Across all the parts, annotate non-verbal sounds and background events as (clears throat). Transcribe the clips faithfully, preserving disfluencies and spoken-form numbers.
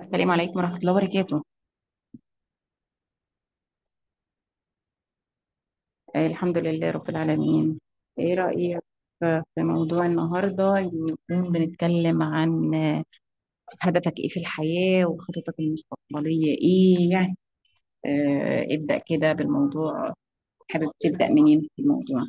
السلام عليكم ورحمة الله وبركاته. آه، الحمد لله رب العالمين. ايه رأيك في في موضوع النهاردة؟ نكون بنتكلم عن آه، هدفك ايه في الحياة وخططك المستقبلية ايه يعني. آه، ابدأ كده بالموضوع. حابب تبدأ منين في الموضوع؟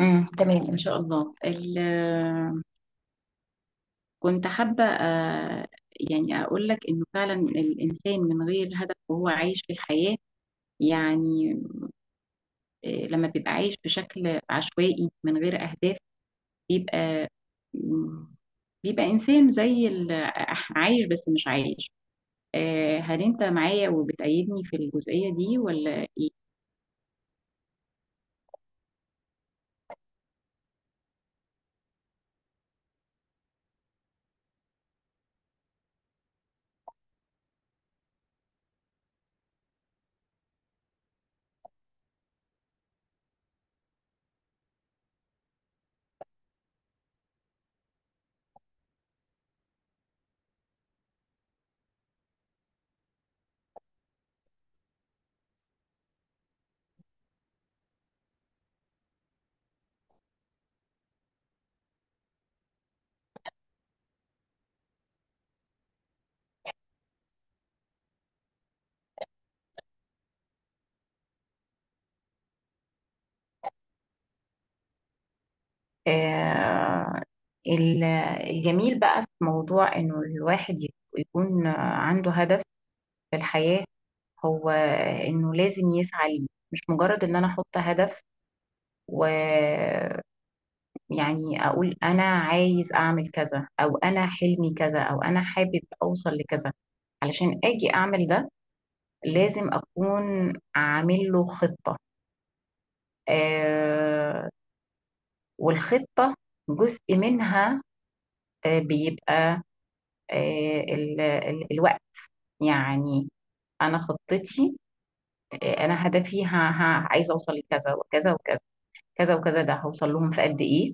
امم تمام ان شاء الله. ال- آه، كنت حابة آه، يعني اقول لك انه فعلا الانسان من غير هدف وهو عايش في الحياة، يعني آه، لما بيبقى عايش بشكل عشوائي من غير اهداف بيبقى، مم، بيبقى إنسان زي ال- عايش بس مش عايش. آه، هل أنت معايا وبتأيدني في الجزئية دي ولا إيه؟ آه، ال- الجميل بقى في موضوع انه الواحد يك- يكون عنده هدف في الحياة هو انه لازم يسعى ليه، مش مجرد ان انا احط هدف ويعني اقول انا عايز اعمل كذا او انا حلمي كذا او انا حابب اوصل لكذا. علشان اجي اعمل ده لازم أكون عامل له خطة، آه، والخطة جزء منها آه بيبقى آه ال ال الوقت، يعني أنا خطتي، آه، أنا هدفي ه- ه- عايزة أوصل لكذا وكذا وكذا، كذا وكذا ده هوصل لهم في قد إيه.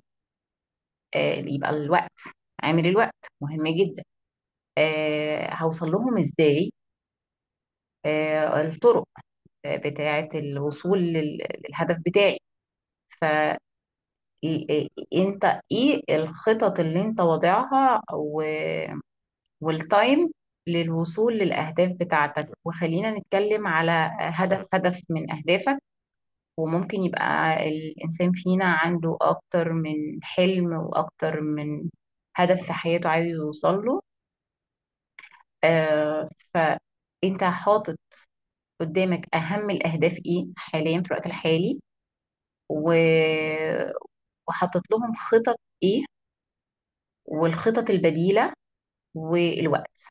آه، يبقى الوقت، عامل الوقت مهم جدا. آه، هوصل لهم إزاي؟ آه، الطرق آه، بتاعة الوصول لل- للهدف بتاعي. ف إيه إيه انت؟ ايه الخطط اللي انت واضعها و- والتايم للوصول للاهداف بتاعتك؟ وخلينا نتكلم على هدف هدف من اهدافك، وممكن يبقى الانسان فينا عنده اكتر من حلم واكتر من هدف في حياته عايز يوصل له. آه، فانت حاطط قدامك اهم الاهداف ايه حاليا في الوقت الحالي و- وحاطط لهم خطط ايه، والخطط البديلة والوقت؟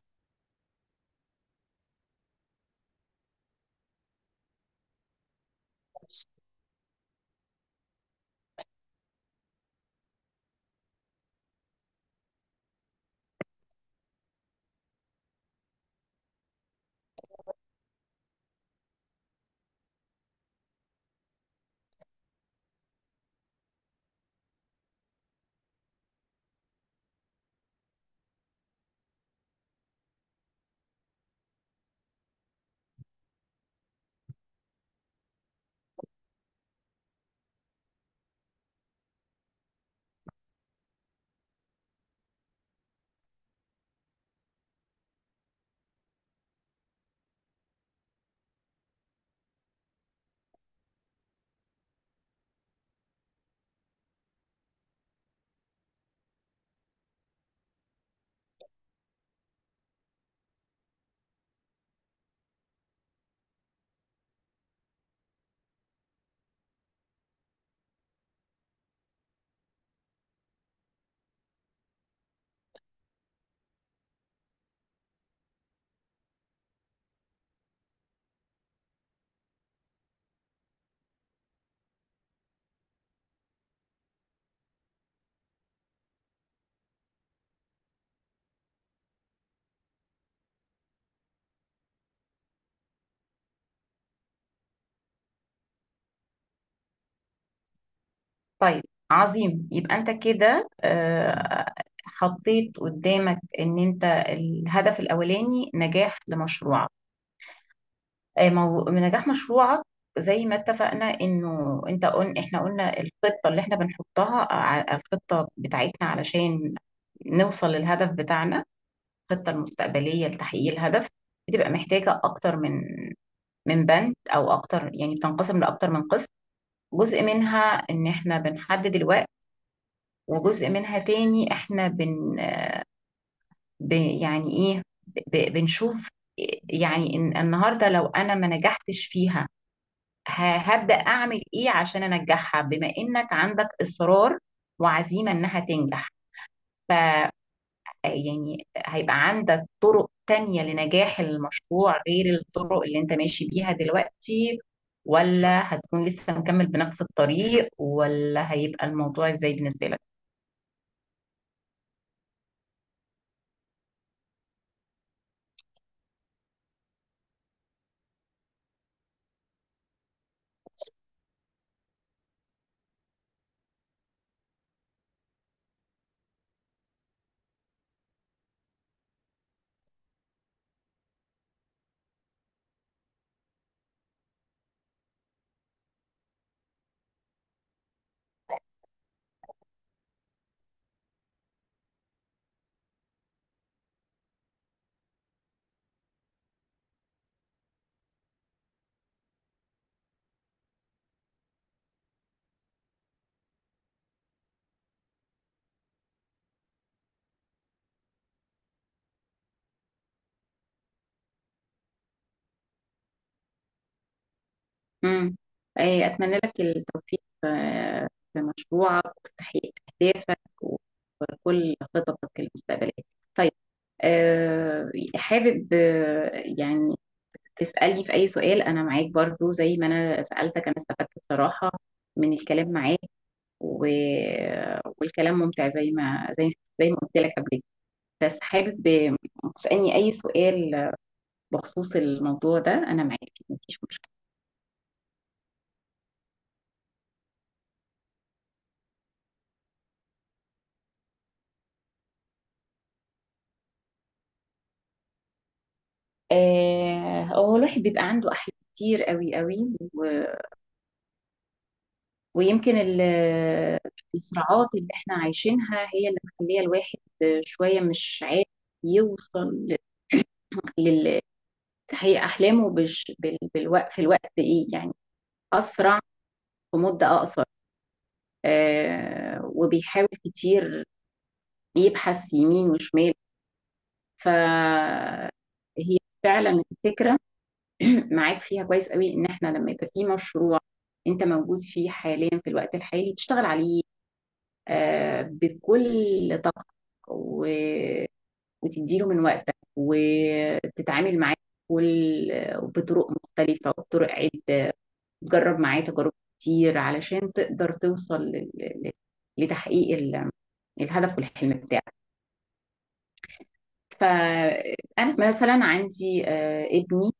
طيب، عظيم، يبقى انت كده، آه، حطيت قدامك ان انت الهدف الاولاني نجاح لمشروعك. آه، مو- نجاح مشروعك زي ما اتفقنا، انه انت قل... احنا قلنا الخطة اللي احنا بنحطها ع- الخطة بتاعتنا علشان نوصل للهدف بتاعنا. الخطة المستقبلية لتحقيق الهدف بتبقى محتاجة اكتر من من بند او اكتر، يعني بتنقسم لاكتر من قسم. جزء منها ان احنا بنحدد الوقت، وجزء منها تاني احنا بن ب- يعني ايه، ب- بنشوف يعني إن النهارده لو انا ما نجحتش فيها، ه- هبدأ اعمل ايه عشان انجحها، بما انك عندك اصرار وعزيمة انها تنجح. ف يعني هيبقى عندك طرق تانية لنجاح المشروع غير الطرق اللي انت ماشي بيها دلوقتي؟ ولا هتكون لسه مكمل بنفس الطريق؟ ولا هيبقى الموضوع ازاي بالنسبة لك؟ مم. إيه، أتمنى لك التوفيق آه، في مشروعك وفي تحقيق أهدافك وكل خططك المستقبلية. طيب، آه، حابب آه، يعني تسألني في أي سؤال، أنا معاك برضو زي ما أنا سألتك. أنا استفدت بصراحة من الكلام معاك، و... والكلام ممتع زي ما زي زي ما قلت لك قبل كده. بس حابب آه، تسألني أي سؤال بخصوص الموضوع ده، أنا معاك مفيش مشكلة. آه، هو الواحد بيبقى عنده أحلام كتير قوي قوي و... ويمكن ال- الصراعات اللي احنا عايشينها هي اللي مخلية الواحد شوية مش عارف يوصل لتحقيق أحلامه بش... بال... بالوقت، في الوقت إيه يعني، أسرع، في مدة أقصر. آه، وبيحاول كتير يبحث يمين وشمال. فهي فعلا الفكرة (clears throat) معاك فيها كويس قوي، ان احنا لما يبقى في مشروع انت موجود فيه حاليا في الوقت الحالي تشتغل عليه آه، بكل طاقتك و... وتديله من وقتك وتتعامل معاه بكل بطرق مختلفة وبطرق عدة، تجرب معاه تجارب كتير علشان تقدر توصل لل... لل- لتحقيق ال... الهدف والحلم بتاعك. فأنا مثلا عندي آه، ابني،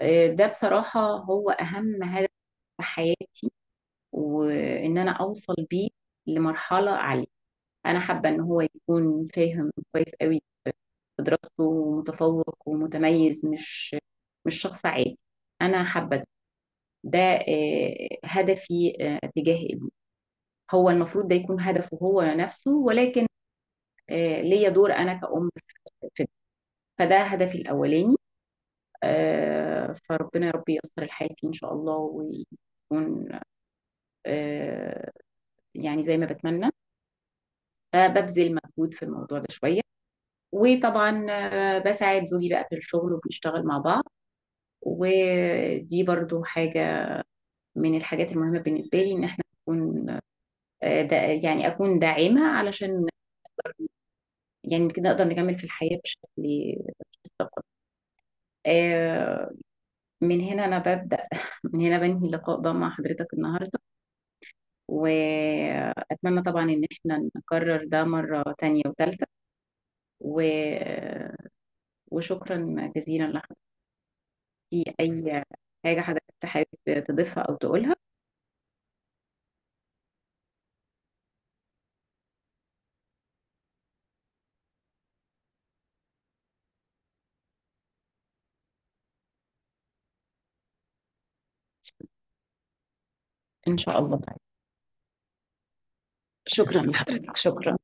آه، ده بصراحة هو أهم هدف في حياتي، وان انا اوصل بيه لمرحله عاليه. انا حابه ان هو يكون فاهم كويس قوي في دراسته ومتفوق ومتميز، مش مش شخص عادي. انا حابه ده، ده، آه، هدفي آه، تجاه ابني. هو المفروض ده يكون هدفه هو نفسه، ولكن آه، ليا دور انا كأم في ده. فده هدفي الاولاني. آه، فربنا يا رب ييسر الحال فيه ان شاء الله، ويكون آه، يعني زي ما بتمنى. فببذل مجهود في الموضوع ده شوية. وطبعا آه، بساعد زوجي بقى في الشغل وبنشتغل مع بعض، ودي برضو حاجة من الحاجات المهمة بالنسبة لي، ان احنا نكون آه، دا يعني اكون داعمة، علشان يعني كده نقدر نكمل في الحياة بشكل مستقر. آه، من هنا انا ببدأ (laughs) من هنا بنهي اللقاء ده مع حضرتك النهاردة، واتمنى طبعا ان احنا نكرر ده مرة تانية وتالتة، و... وشكرا جزيلا لحضرتك. في أي حاجة حضرتك حابب تضيفها أو تقولها؟ إن شاء الله، طيب، شكرا لحضرتك، شكرا.